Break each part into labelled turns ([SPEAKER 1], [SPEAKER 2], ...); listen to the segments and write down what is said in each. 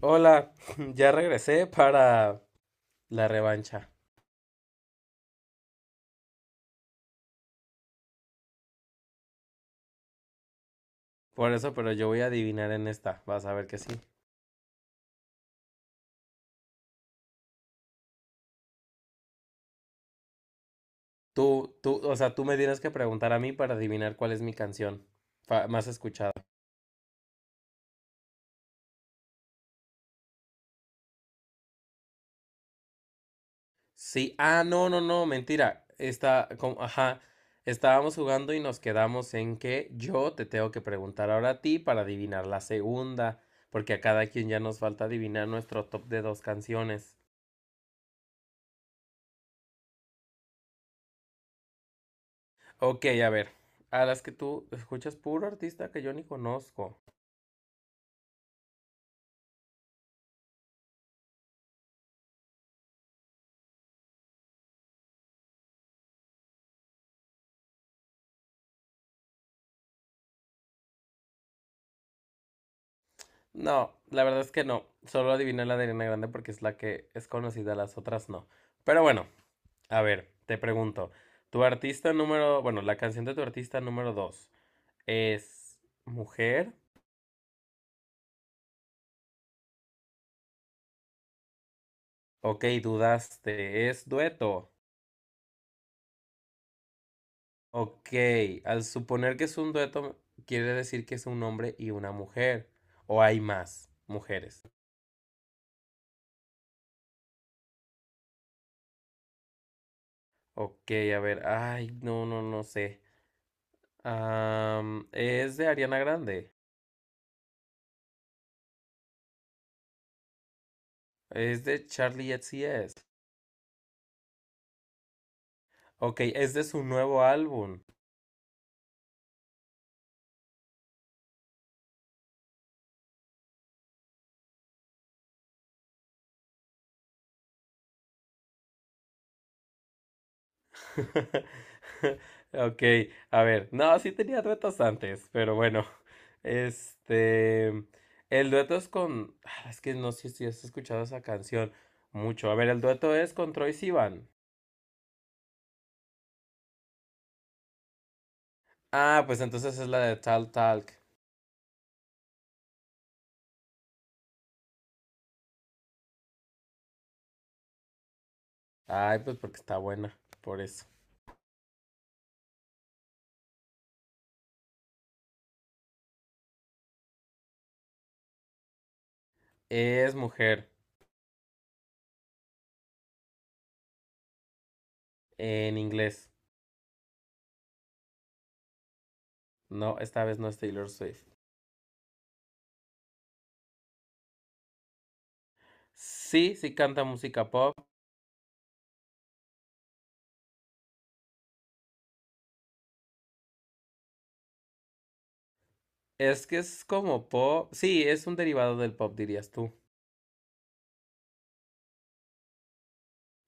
[SPEAKER 1] Hola, ya regresé para la revancha. Por eso, pero yo voy a adivinar en esta. Vas a ver que sí. Tú, o sea, tú me tienes que preguntar a mí para adivinar cuál es mi canción más escuchada. Sí, no, no, no, mentira. Está, como, ajá, estábamos jugando y nos quedamos en que yo te tengo que preguntar ahora a ti para adivinar la segunda, porque a cada quien ya nos falta adivinar nuestro top de dos canciones. Ok, a ver, a las que tú escuchas puro artista que yo ni conozco. No, la verdad es que no. Solo adiviné la de Ariana Grande porque es la que es conocida, las otras no. Pero bueno, a ver, te pregunto. Tu artista número, bueno, la canción de tu artista número dos es mujer. Ok, dudaste, es dueto. Ok, al suponer que es un dueto, quiere decir que es un hombre y una mujer. O hay más mujeres. Ok, a ver, ay, no, no, no sé. Es de Ariana Grande. Es de Charlie XCX. Ok, es de su nuevo álbum. Ok, a ver, no, sí tenía duetos antes, pero bueno, este, el dueto es con, es que no sé si has escuchado esa canción mucho, a ver, el dueto es con Troye Sivan. Ah, pues entonces es la de Tal Talk. Ay, pues porque está buena, por eso. Es mujer, en inglés. No, esta vez no es Taylor Swift. Sí, sí canta música pop. Es que es como pop. Sí, es un derivado del pop, dirías tú.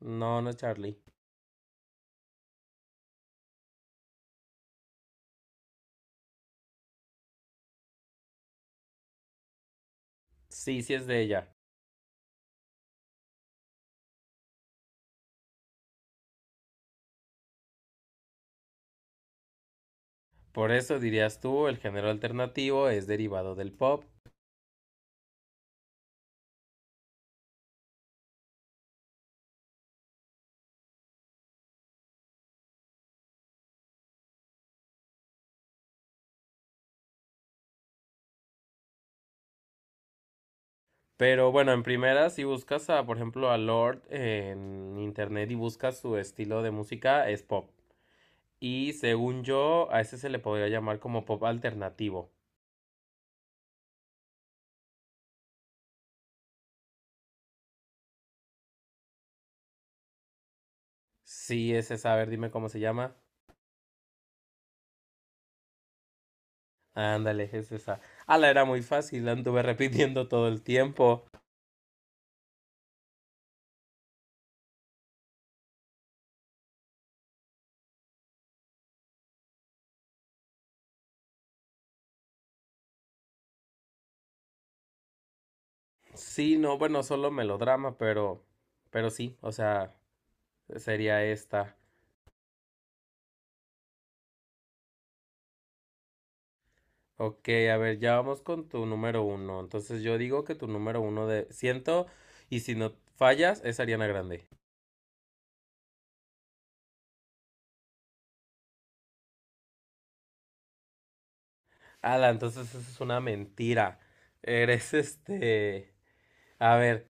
[SPEAKER 1] No, no es Charlie. Sí, sí es de ella. Por eso dirías tú, el género alternativo es derivado del pop. Pero bueno, en primera, si buscas a, por ejemplo, a Lord en internet y buscas su estilo de música, es pop. Y según yo, a ese se le podría llamar como pop alternativo. Sí, es esa. A ver, dime cómo se llama. Ándale, es esa. Ah, la era muy fácil, la anduve repitiendo todo el tiempo. Sí, no, bueno, solo melodrama, pero sí, o sea, sería esta. Ok, a ver, ya vamos con tu número uno. Entonces yo digo que tu número uno de ciento y si no fallas es Ariana Grande. Ala, entonces eso es una mentira. Eres. A ver,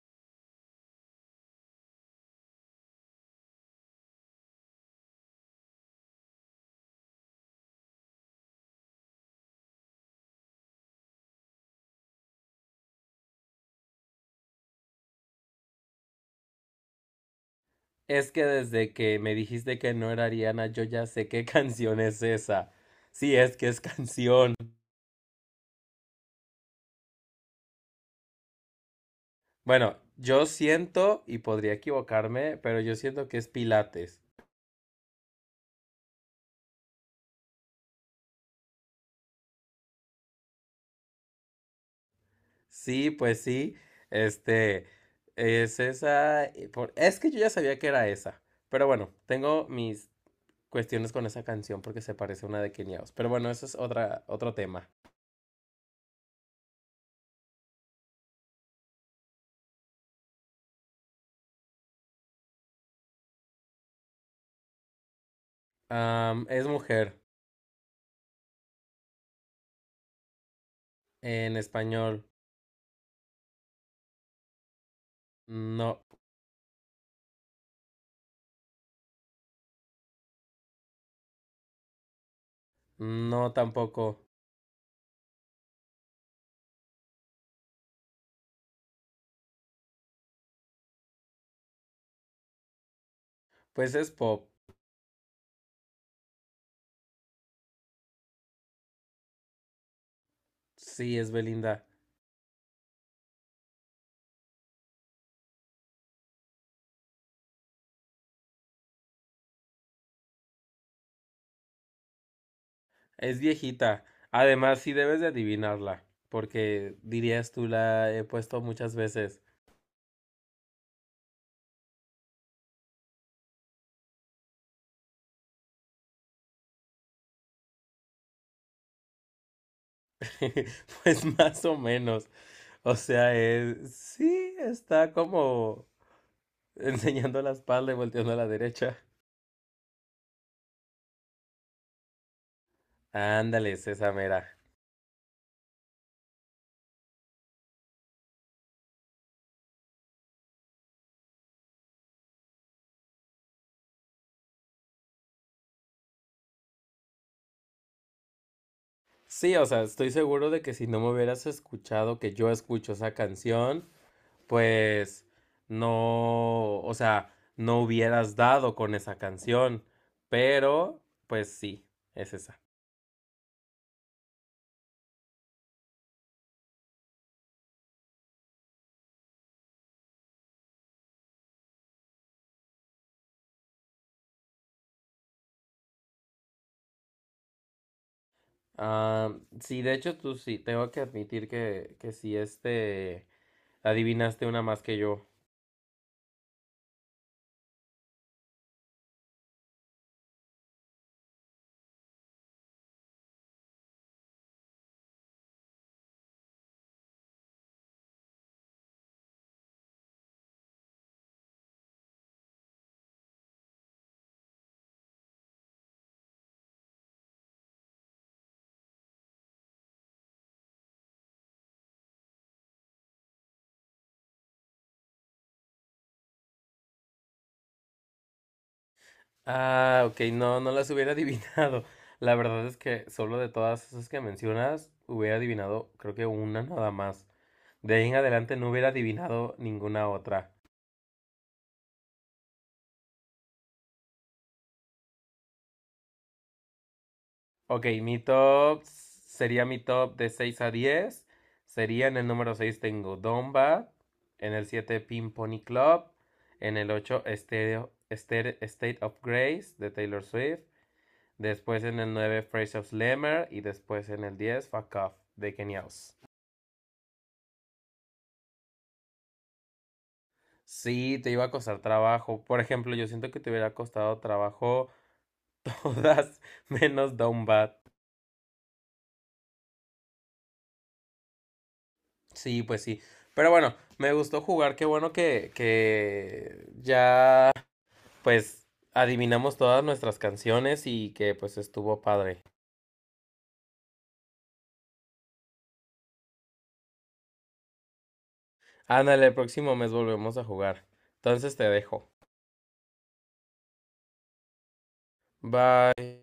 [SPEAKER 1] es que desde que me dijiste que no era Ariana, yo ya sé qué canción es esa. Sí, es que es canción. Bueno, yo siento y podría equivocarme, pero yo siento que es Pilates. Sí, pues sí, este, es esa, y es que yo ya sabía que era esa, pero bueno, tengo mis cuestiones con esa canción porque se parece a una de Quiniaos, pero bueno, eso es otra, otro tema. Es mujer, en español, no, no tampoco, pues es pop, sí, es Belinda, es viejita, además sí debes de adivinarla, porque dirías tú la he puesto muchas veces. Pues más o menos. O sea, sí, está como enseñando la espalda y volteando a la derecha. Ándale, es esa mera. Sí, o sea, estoy seguro de que si no me hubieras escuchado que yo escucho esa canción, pues no, o sea, no hubieras dado con esa canción. Pero, pues sí, es esa. Ah, sí, de hecho, tú sí, tengo que admitir que, sí, adivinaste una más que yo. Ah, ok, no, no las hubiera adivinado. La verdad es que solo de todas esas que mencionas, hubiera adivinado creo que una nada más. De ahí en adelante no hubiera adivinado ninguna otra. Ok, mi top sería mi top de 6 a 10. Sería en el número 6 tengo Domba, en el 7 Pin Pony Club, en el 8 State of Grace de Taylor Swift, después en el 9 Phrase of Slammer y después en el 10 Fuck Off de Kenia Os. Sí, te iba a costar trabajo. Por ejemplo, yo siento que te hubiera costado trabajo todas menos Down Bad. Sí, pues sí. Pero bueno, me gustó jugar. Qué bueno que, ya pues adivinamos todas nuestras canciones y que pues estuvo padre. Ándale, el próximo mes volvemos a jugar. Entonces te dejo. Bye.